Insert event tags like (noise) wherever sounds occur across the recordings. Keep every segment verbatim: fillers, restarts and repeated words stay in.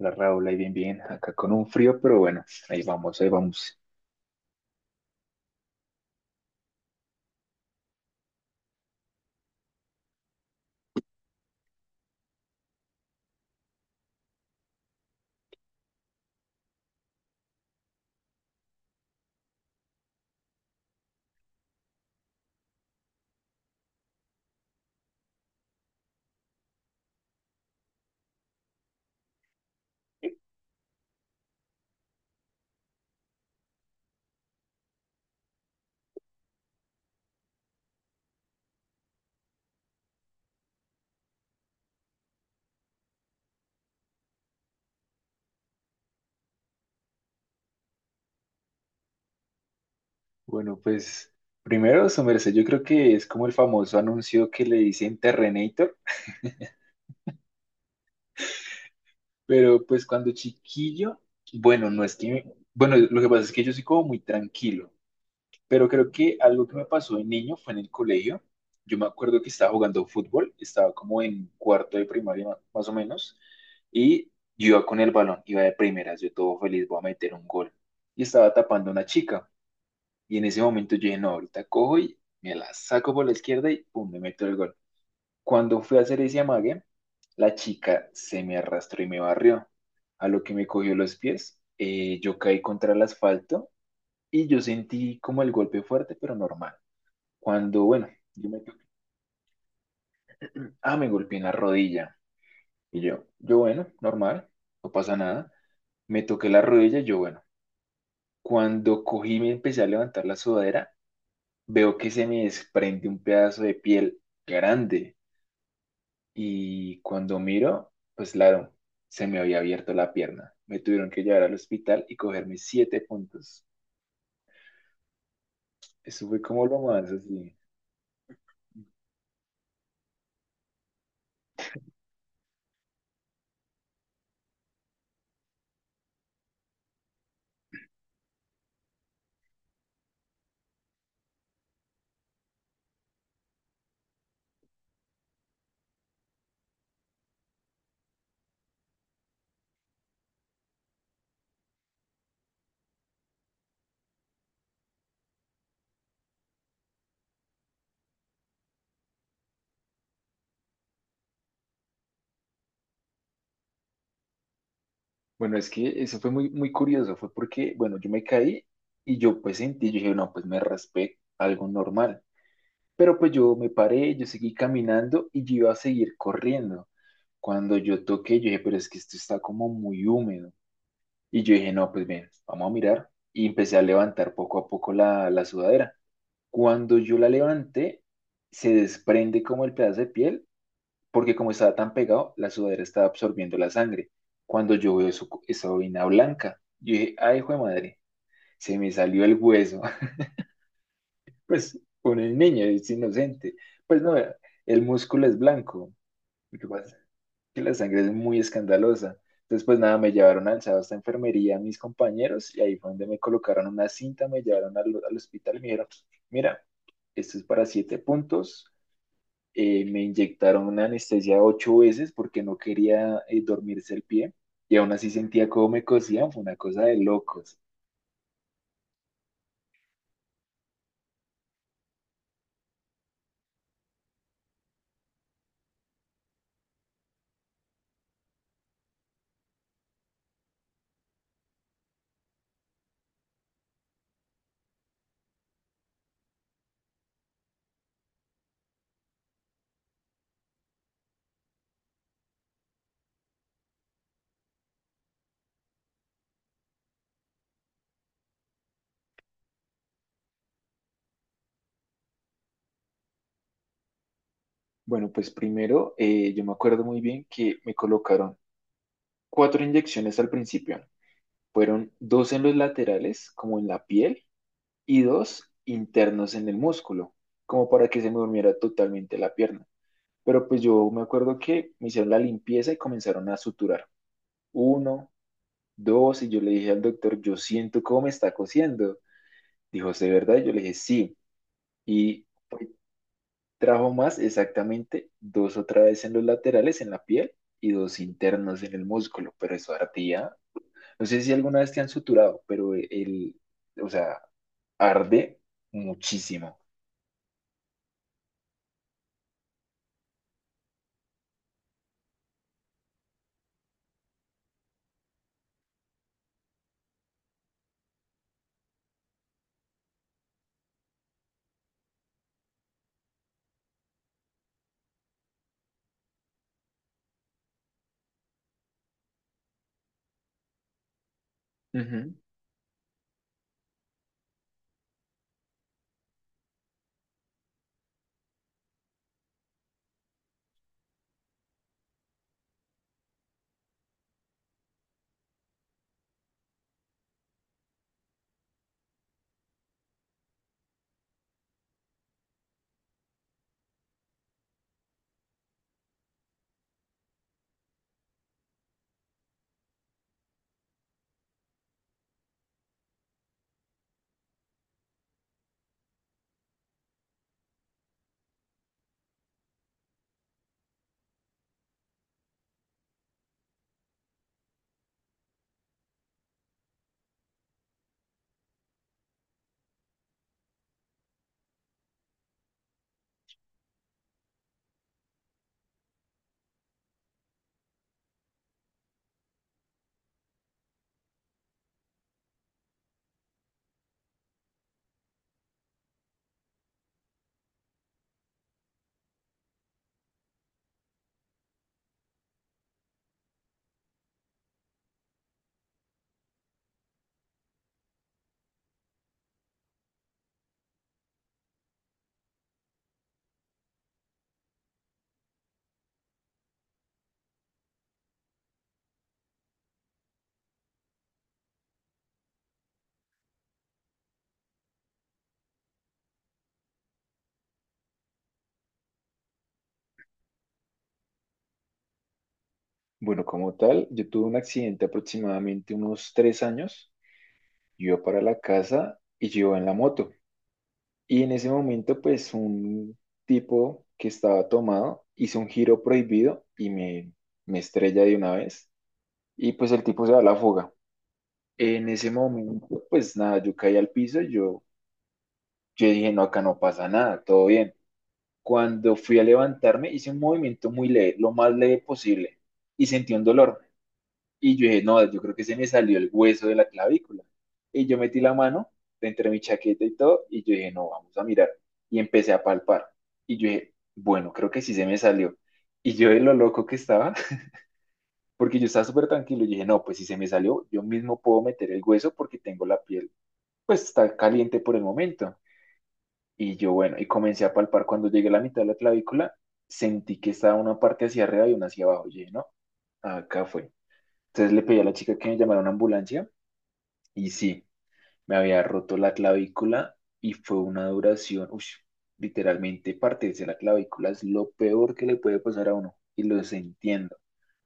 La Raúl, ahí bien, bien, acá con un frío, pero bueno, ahí vamos, ahí vamos. Bueno, pues primero, su merced, yo creo que es como el famoso anuncio que le dicen Terrenator, pero pues cuando chiquillo, bueno, no es que, bueno, lo que pasa es que yo soy como muy tranquilo, pero creo que algo que me pasó de niño fue en el colegio. Yo me acuerdo que estaba jugando fútbol, estaba como en cuarto de primaria ma- más o menos, y yo iba con el balón, iba de primeras, yo todo feliz, voy a meter un gol, y estaba tapando a una chica. Y en ese momento yo dije, no, ahorita cojo y me la saco por la izquierda y pum, me meto el gol. Cuando fui a hacer ese amague, la chica se me arrastró y me barrió. A lo que me cogió los pies, eh, yo caí contra el asfalto y yo sentí como el golpe fuerte, pero normal. Cuando, bueno, yo me, ah, me golpeé en la rodilla. Y yo, yo bueno, normal, no pasa nada. Me toqué la rodilla, yo bueno. Cuando cogí y me empecé a levantar la sudadera, veo que se me desprende un pedazo de piel grande y cuando miro, pues claro, se me había abierto la pierna. Me tuvieron que llevar al hospital y cogerme siete puntos. Eso fue como lo más así. Bueno, es que eso fue muy, muy curioso, fue porque, bueno, yo me caí y yo pues sentí, yo dije, no, pues me raspé, algo normal. Pero pues yo me paré, yo seguí caminando y yo iba a seguir corriendo. Cuando yo toqué, yo dije, pero es que esto está como muy húmedo. Y yo dije, no, pues bien, vamos a mirar. Y empecé a levantar poco a poco la, la sudadera. Cuando yo la levanté, se desprende como el pedazo de piel, porque como estaba tan pegado, la sudadera estaba absorbiendo la sangre. Cuando yo veo eso, esa vaina blanca, yo dije, ay, hijo de madre, se me salió el hueso. (laughs) Pues uno es niño, es inocente. Pues no, el músculo es blanco. ¿Qué pasa? Que la sangre es muy escandalosa. Entonces, pues nada, me llevaron alzados a enfermería mis compañeros y ahí fue donde me colocaron una cinta, me llevaron al, al hospital y me dijeron, mira, esto es para siete puntos. Eh, me inyectaron una anestesia ocho veces porque no quería eh, dormirse el pie y aún así sentía cómo me cosían, fue una cosa de locos. Bueno, pues primero, eh, yo me acuerdo muy bien que me colocaron cuatro inyecciones al principio. Fueron dos en los laterales, como en la piel, y dos internos en el músculo, como para que se me durmiera totalmente la pierna. Pero pues yo me acuerdo que me hicieron la limpieza y comenzaron a suturar. Uno, dos, y yo le dije al doctor, yo siento cómo me está cosiendo. Dijo, ¿de verdad? Yo le dije, sí. Y trajo más exactamente dos otra vez en los laterales, en la piel, y dos internos en el músculo, pero eso ardía. No sé si alguna vez te han suturado, pero el, o sea, arde muchísimo. Bueno, como tal, yo tuve un accidente aproximadamente unos tres años. Yo iba para la casa y yo iba en la moto. Y en ese momento, pues un tipo que estaba tomado hizo un giro prohibido y me, me estrella de una vez. Y pues el tipo se da a la fuga. En ese momento, pues nada, yo caí al piso. y Yo, yo dije, no, acá no pasa nada, todo bien. Cuando fui a levantarme, hice un movimiento muy leve, lo más leve posible. Y sentí un dolor. Y yo dije, no, yo creo que se me salió el hueso de la clavícula. Y yo metí la mano entre mi chaqueta y todo, y yo dije, no, vamos a mirar. Y empecé a palpar. Y yo dije, bueno, creo que sí se me salió. Y yo de lo loco que estaba, (laughs) porque yo estaba súper tranquilo, y dije, no, pues si se me salió, yo mismo puedo meter el hueso porque tengo la piel, pues está caliente por el momento. Y yo, bueno, y comencé a palpar. Cuando llegué a la mitad de la clavícula, sentí que estaba una parte hacia arriba y una hacia abajo. Y dije, no, acá fue. Entonces le pedí a la chica que me llamara a una ambulancia. Y sí, me había roto la clavícula y fue una duración, uy, literalmente partirse la clavícula es lo peor que le puede pasar a uno y los entiendo,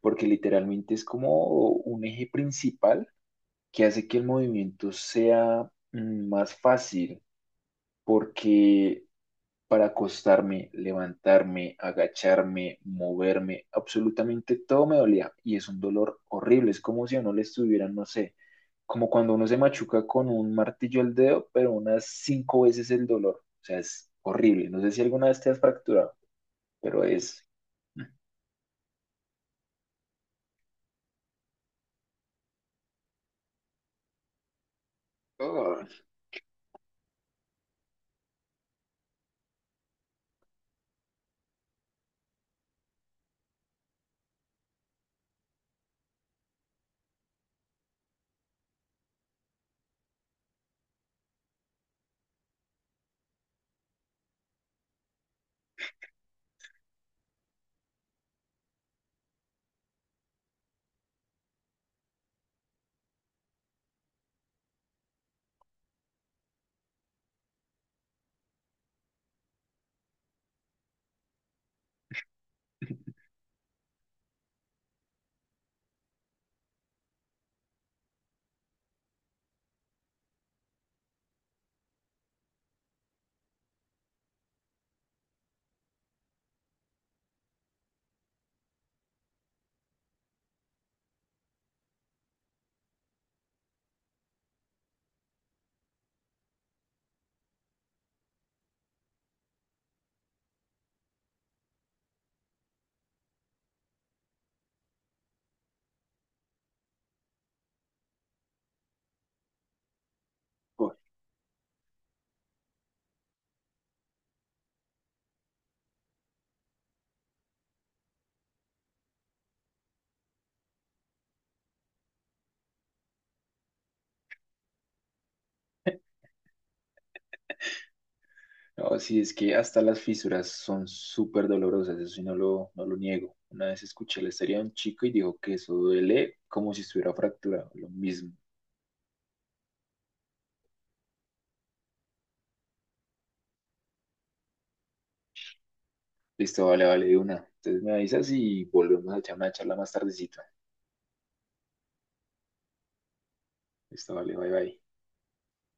porque literalmente es como un eje principal que hace que el movimiento sea mm, más fácil, porque para acostarme, levantarme, agacharme, moverme, absolutamente todo me dolía y es un dolor horrible, es como si a uno le estuvieran, no sé, como cuando uno se machuca con un martillo el dedo, pero unas cinco veces el dolor. O sea, es horrible. No sé si alguna vez te has fracturado, pero es... Oh, oh. (laughs) No, sí, es que hasta las fisuras son súper dolorosas, eso sí no lo, no lo niego. Una vez escuché la historia de un chico y dijo que eso duele como si estuviera fracturado, lo mismo. Listo, vale, vale, de una. Entonces me avisas y volvemos a echar una charla más tardecito. Listo, vale, bye, bye.